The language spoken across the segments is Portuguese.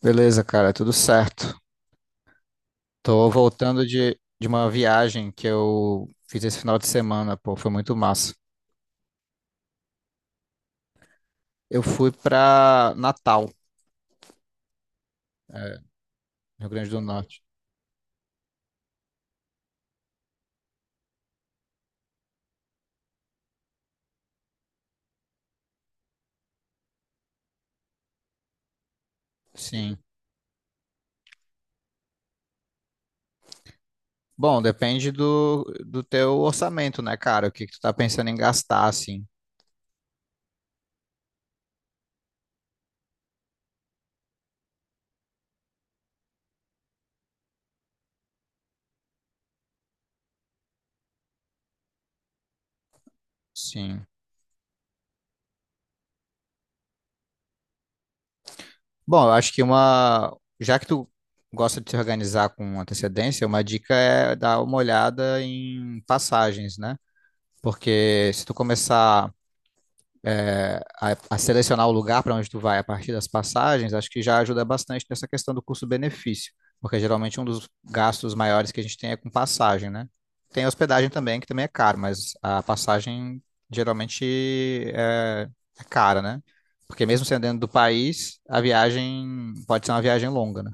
Beleza, cara, tudo certo. Tô voltando de uma viagem que eu fiz esse final de semana, pô, foi muito massa. Eu fui pra Natal, é, Rio Grande do Norte. Sim. Bom, depende do teu orçamento, né, cara? O que que tu tá pensando em gastar, assim. Sim. Bom, eu acho que uma. Já que tu gosta de se organizar com antecedência, uma dica é dar uma olhada em passagens, né? Porque se tu começar selecionar o lugar para onde tu vai a partir das passagens, acho que já ajuda bastante nessa questão do custo-benefício, porque geralmente um dos gastos maiores que a gente tem é com passagem, né? Tem hospedagem também, que também é caro, mas a passagem geralmente é, é cara, né? Porque mesmo sendo dentro do país, a viagem pode ser uma viagem longa, né?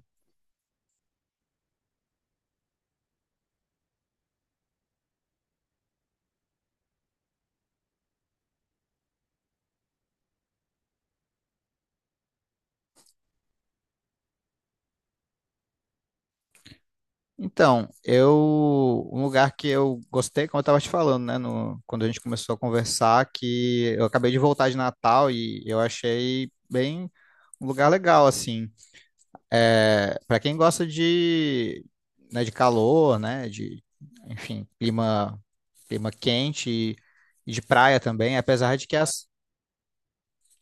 Então, eu, um lugar que eu gostei, como eu estava te falando, né, quando a gente começou a conversar, que eu acabei de voltar de Natal e eu achei bem um lugar legal, assim. É, para quem gosta de, né, de calor, né, de, enfim, clima, clima quente e de praia também, apesar de que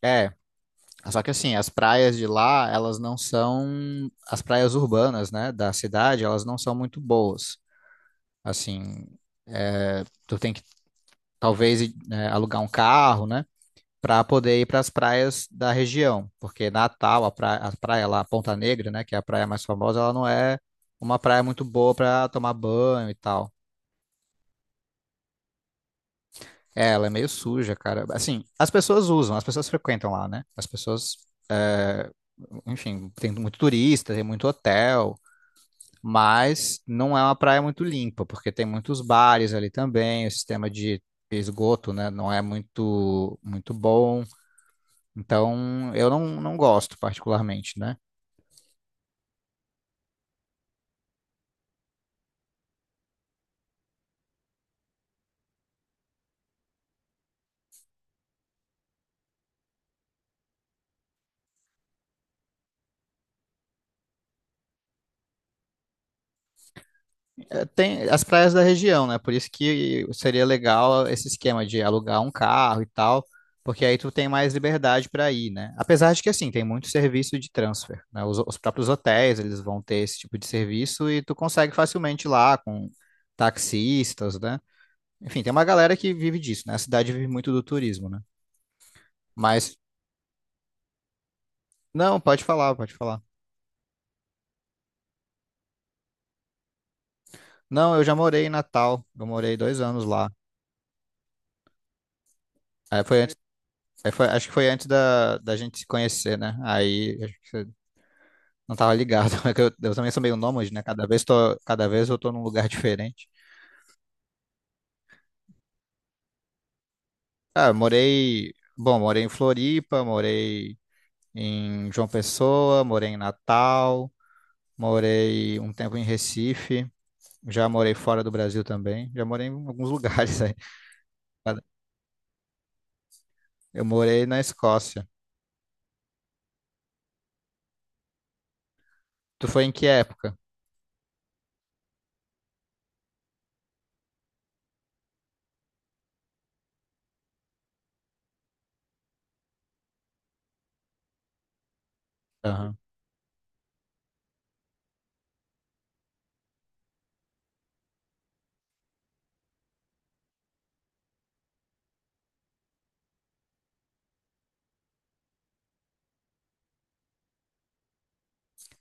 é, só que assim, as praias de lá, elas não são, as praias urbanas, né, da cidade, elas não são muito boas. Assim, é, tu tem que talvez, né, alugar um carro, né? Para poder ir para as praias da região, porque Natal, a praia lá, Ponta Negra, né? Que é a praia mais famosa, ela não é uma praia muito boa para tomar banho e tal. É, ela é meio suja, cara. Assim, as pessoas usam, as pessoas frequentam lá, né? As pessoas, enfim, tem muito turista, tem muito hotel, mas não é uma praia muito limpa, porque tem muitos bares ali também, o sistema de esgoto, né, não é muito bom. Então, eu não, não gosto particularmente, né? Eh, tem as praias da região, né? Por isso que seria legal esse esquema de alugar um carro e tal, porque aí tu tem mais liberdade para ir, né? Apesar de que, assim, tem muito serviço de transfer, né? Os próprios hotéis, eles vão ter esse tipo de serviço e tu consegue facilmente ir lá com taxistas, né? Enfim, tem uma galera que vive disso, né? A cidade vive muito do turismo, né? Mas, não, pode falar, pode falar. Não, eu já morei em Natal, eu morei 2 anos lá. Aí foi antes, acho que foi antes da gente se conhecer, né? Aí acho que você não tava ligado, é que eu também sou meio nômade, né? Cada vez eu tô num lugar diferente. Ah, eu morei, bom, morei em Floripa, morei em João Pessoa, morei em Natal, morei um tempo em Recife, já morei fora do Brasil também, já morei em alguns lugares. Eu morei na Escócia. Tu foi em que época? Aham.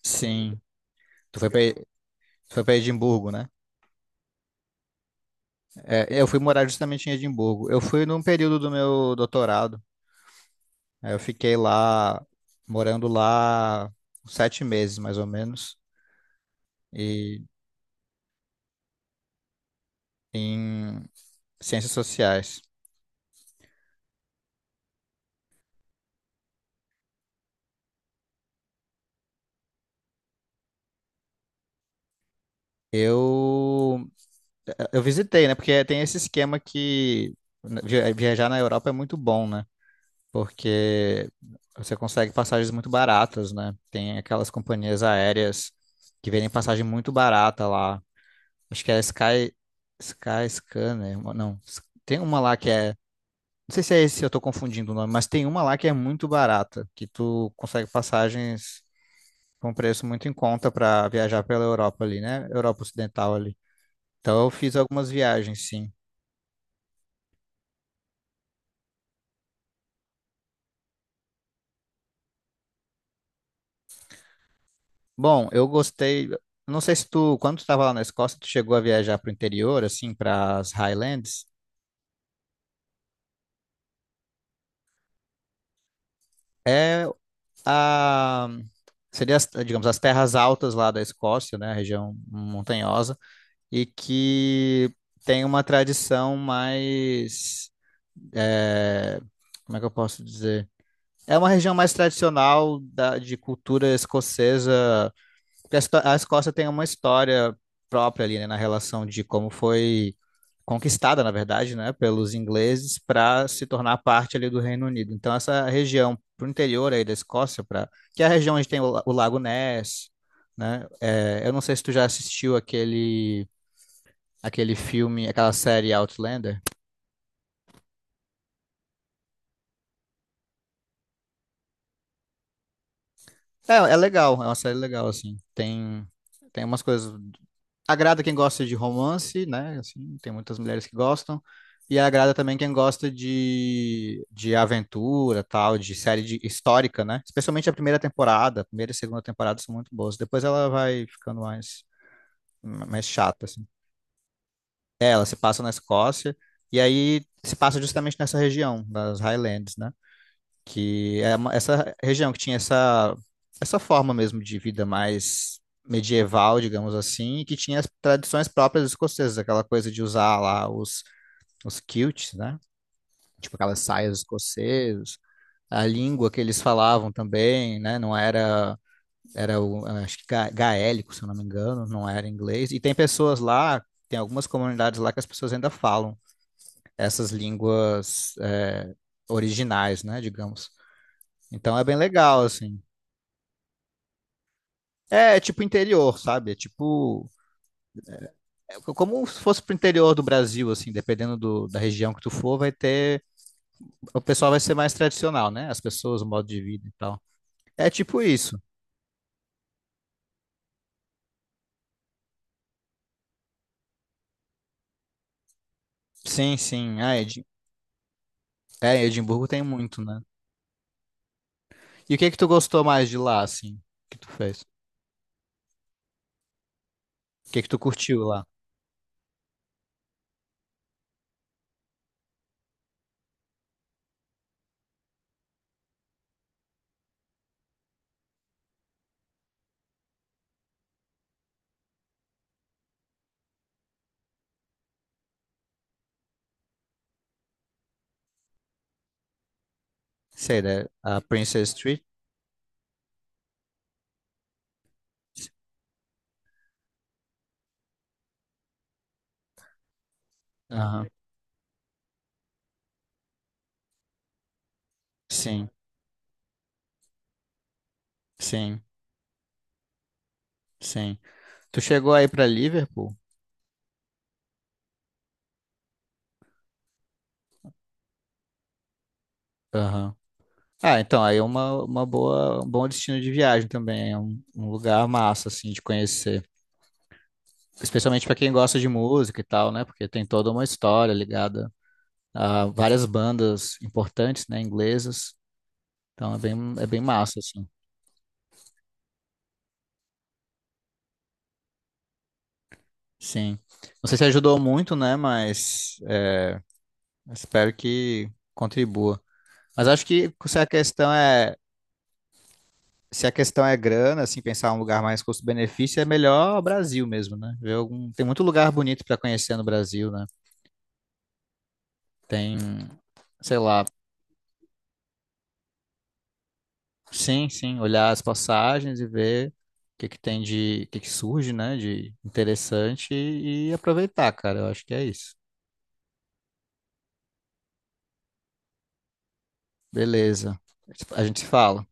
Sim. Tu foi pra, tu foi pra Edimburgo, né? É, eu fui morar justamente em Edimburgo. Eu fui num período do meu doutorado. Aí eu fiquei lá, morando lá, 7 meses, mais ou menos, e em ciências sociais. Eu, eu visitei, né? Porque tem esse esquema que né, viajar na Europa é muito bom, né? Porque você consegue passagens muito baratas, né? Tem aquelas companhias aéreas que vendem passagem muito barata lá. Acho que é a Sky, Sky Scanner, uma- não. S- tem uma lá que é, não sei se é esse, eu tô confundindo o nome, mas tem uma lá que é muito barata, que tu consegue passagens com um preço muito em conta para viajar pela Europa ali, né? Europa Ocidental ali. Então eu fiz algumas viagens, sim. Bom, eu gostei. Não sei se tu, quando tu estava lá na Escócia, tu chegou a viajar para o interior, assim, para as Highlands. É a seria, as, digamos, as terras altas lá da Escócia, né, a região montanhosa, e que tem uma tradição mais, é, como é que eu posso dizer? É uma região mais tradicional da, de cultura escocesa, porque a Escócia tem uma história própria ali, né, na relação de como foi conquistada, na verdade, né, pelos ingleses para se tornar parte ali do Reino Unido. Então essa região para o interior aí da Escócia, para que é a região onde tem o Lago Ness, né? É, eu não sei se tu já assistiu aquele filme, aquela série Outlander. É, é legal, é uma série legal assim. Tem umas coisas, agrada quem gosta de romance, né? Assim, tem muitas mulheres que gostam. E agrada também quem gosta de aventura, tal, histórica, né? Especialmente a primeira temporada. A primeira e segunda temporada são muito boas. Depois ela vai ficando mais, mais chata, assim. É, ela se passa na Escócia. E aí se passa justamente nessa região, das Highlands, né? Essa região que tinha essa, essa forma mesmo de vida mais medieval, digamos assim, e que tinha as tradições próprias dos escoceses, aquela coisa de usar lá os kilts, né? Tipo aquelas saias escocesas, a língua que eles falavam também, né? Não era, era o, acho que gaélico, se eu não me engano, não era inglês. E tem pessoas lá, tem algumas comunidades lá que as pessoas ainda falam essas línguas originais, né? Digamos. Então é bem legal, assim. É, é tipo interior, sabe? É tipo, é como se fosse pro interior do Brasil, assim, dependendo da região que tu for, vai ter. O pessoal vai ser mais tradicional, né? As pessoas, o modo de vida e tal. É tipo isso. Sim, sim. Ah, Edi... É, Edimburgo tem muito, né? E o que que tu gostou mais de lá, assim, que tu fez? O que que tu curtiu lá? Sei, né? A Princess Street? Aham. Sim, sim, sim. Tu chegou aí pra Liverpool? Aham. Ah, então, aí é uma boa, um bom destino de viagem também, é um, um lugar massa, assim, de conhecer. Especialmente para quem gosta de música e tal, né? Porque tem toda uma história ligada a várias bandas importantes, né, inglesas. Então é bem massa, assim. Sim. Não sei se ajudou muito, né? Mas é, espero que contribua. Mas acho que se a questão é, se a questão é grana, assim, pensar um lugar mais custo-benefício, é melhor o Brasil mesmo, né? Tem muito lugar bonito para conhecer no Brasil, né? Tem, sei lá, sim, sim, olhar as passagens e ver o que que tem de, o que que surge, né, de interessante e aproveitar, cara. Eu acho que é isso. Beleza. A gente se fala.